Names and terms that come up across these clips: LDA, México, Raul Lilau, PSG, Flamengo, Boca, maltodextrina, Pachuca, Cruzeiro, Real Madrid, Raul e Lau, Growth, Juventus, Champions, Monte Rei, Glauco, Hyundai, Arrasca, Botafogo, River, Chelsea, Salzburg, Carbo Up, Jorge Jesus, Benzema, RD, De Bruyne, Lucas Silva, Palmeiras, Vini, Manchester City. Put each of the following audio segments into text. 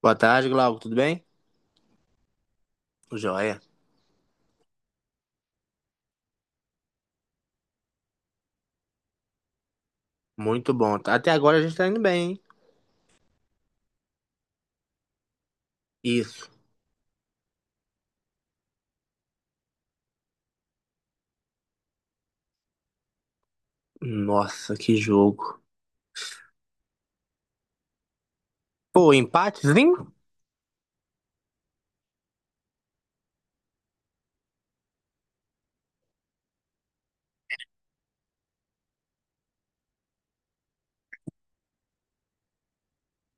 Boa tarde, Glauco. Tudo bem? Joia. Muito bom. Até agora a gente tá indo bem, hein? Isso. Nossa, que jogo. Pô, empatezinho?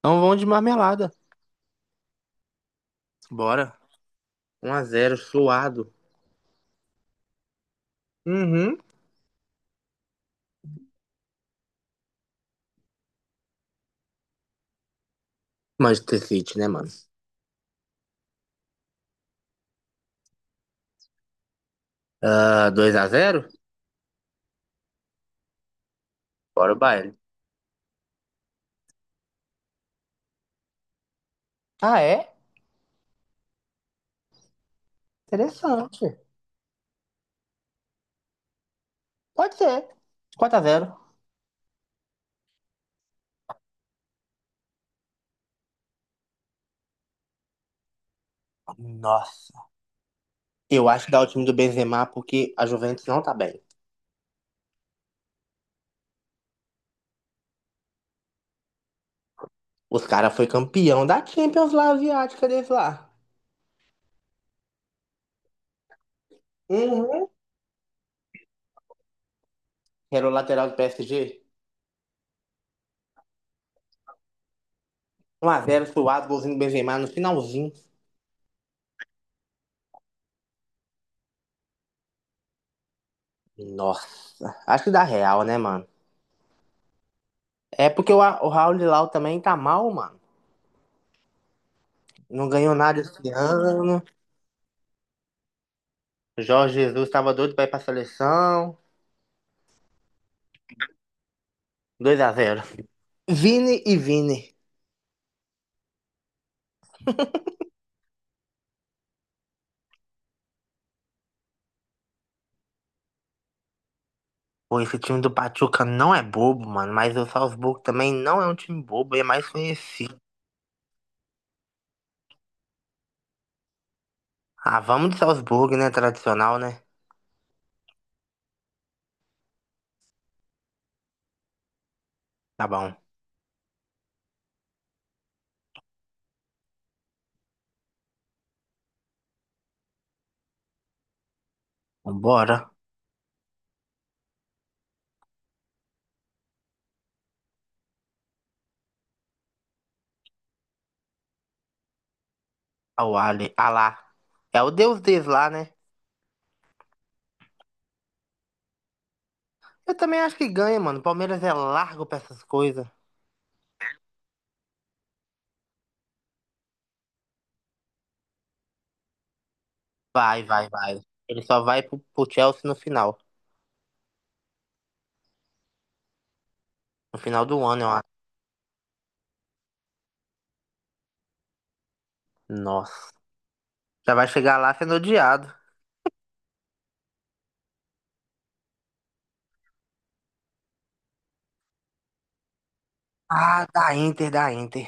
Então vão de marmelada. Bora. 1 a 0 suado. Uhum. Manchester City, né, mano? Ah, 2 a 0 Bora o baile. Ah, é? Interessante. Pode ser. 4 a 0 Nossa. Eu acho que dá o time do Benzema porque a Juventus não tá bem. Os caras foi campeão da Champions lá, asiática deles lá. Uhum. que era o lateral do PSG. 1 a 0 suado, golzinho do Benzema no finalzinho. Nossa, acho que dá real, né, mano? É porque o Raul Lilau também tá mal, mano. Não ganhou nada esse ano. Jorge Jesus tava doido pra ir pra seleção. 2 a 0 Vini e Vini. Pô, esse time do Pachuca não é bobo, mano. Mas o Salzburgo também não é um time bobo, é mais conhecido. Ah, vamos de Salzburgo, né? Tradicional, né? Tá bom. Vambora. Ao Ali. Alá. É o deus deles lá, né? Eu também acho que ganha, mano. O Palmeiras é largo pra essas coisas. Vai, vai, vai. Ele só vai pro Chelsea no final. No final do ano, eu acho. Nossa. Já vai chegar lá sendo odiado. Ah, da Inter, da Inter.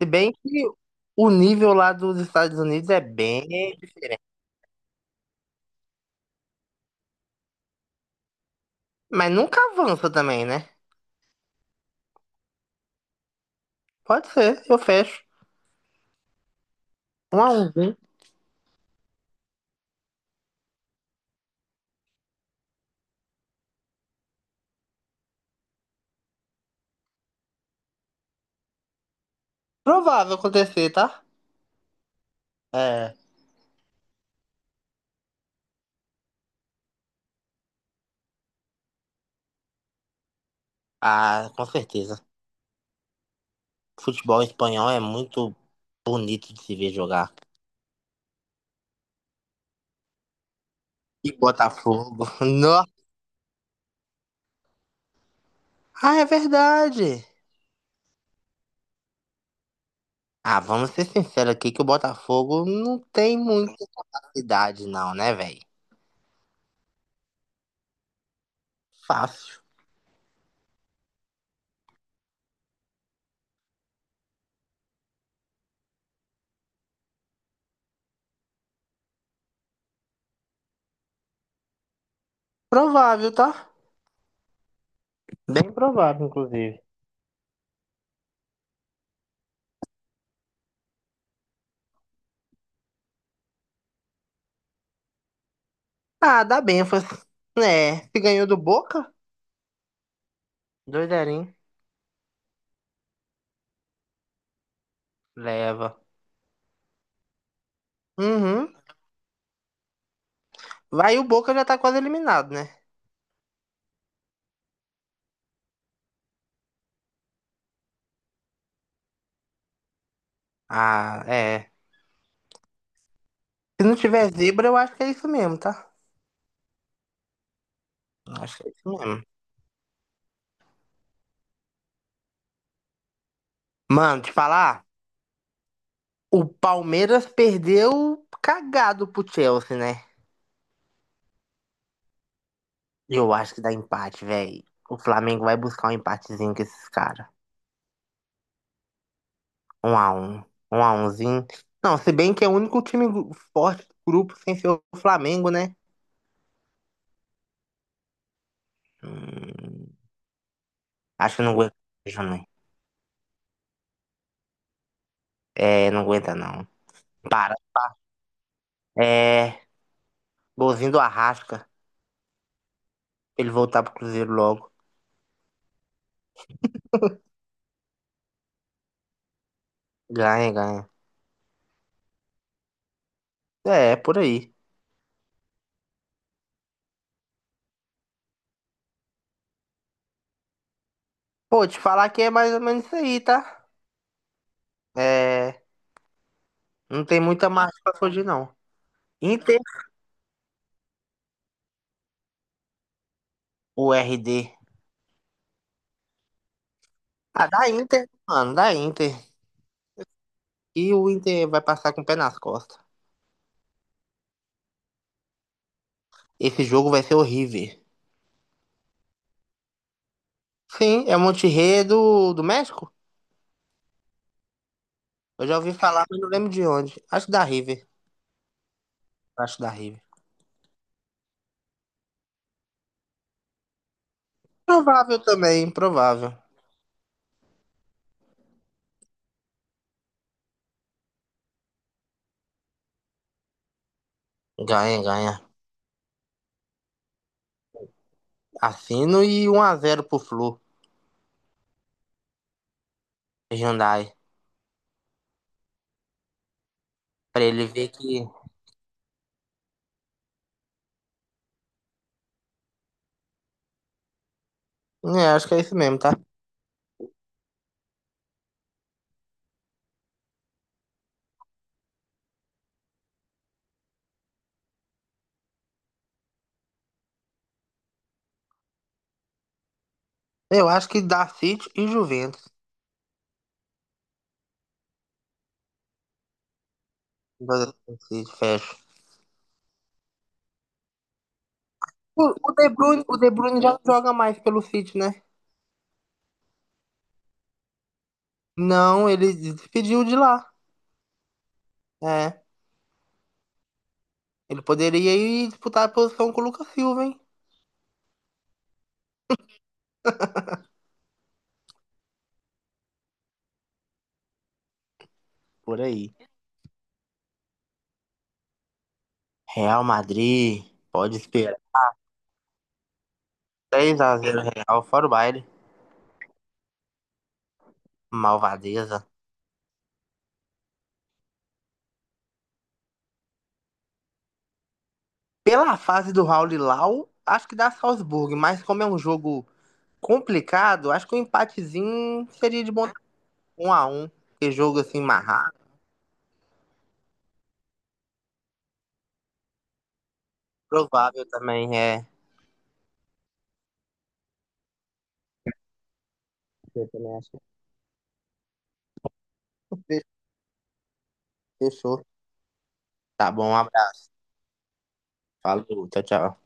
Se bem que o nível lá dos Estados Unidos é bem diferente. Mas nunca avança também, né? Pode ser, eu fecho. Um a um, hein? Provável acontecer, tá? É. Ah, com certeza. Futebol espanhol é muito bonito de se ver jogar. E Botafogo. Nossa. Ah, é verdade. Ah, vamos ser sinceros aqui que o Botafogo não tem muita capacidade, não, né, velho? Fácil. Provável, tá? Bem provável, inclusive. Ah, dá bem, foi. É, se ganhou do Boca? Doideirinho. Leva. Uhum. Vai, o Boca já tá quase eliminado, né? Ah, é. Se não tiver zebra, eu acho que é isso mesmo, tá? Acho que é isso mesmo. Mano, te falar, o Palmeiras perdeu cagado pro Chelsea, né? Eu acho que dá empate, velho. O Flamengo vai buscar um empatezinho com esses caras. Um a um. Um a umzinho. Não, se bem que é o único time forte do grupo sem ser o Flamengo, né? Hum, acho que não aguenta, não. É, não aguenta, não. Para. É, golzinho do Arrasca. Pra Ele voltar pro Cruzeiro logo. Ganha, ganha. É, é por aí. Pô, te falar que é mais ou menos isso aí, tá? É, não tem muita margem pra fugir, não. Inter, o RD. Ah, dá Inter, mano, dá Inter. E o Inter vai passar com o pé nas costas. Esse jogo vai ser horrível. Sim, é o Monte Rei do México? Eu já ouvi falar, mas não lembro de onde. Acho que da River. Acho da River. Provável também, provável. Ganha, ganha. Assino e 1 a 0 pro Flu, Hyundai. Pra ele ver que. É, acho que é isso mesmo, tá? Eu acho que dá City e Juventus. Dá City, fecha. O De Bruyne já não joga mais pelo City, né? Não, ele despediu de lá. É. Ele poderia ir disputar a posição com o Lucas Silva, hein? Por aí. Real Madrid, pode esperar. 3 a 0 Real, fora o baile. Malvadeza. Pela fase do Raul e Lau, acho que dá Salzburg, mas como é um jogo complicado, acho que um empatezinho seria de bom 1 a um. Que jogo assim, marrado. Provável também é. Eu também acho. Fechou. Tá bom, um abraço. Falou, tchau, tchau.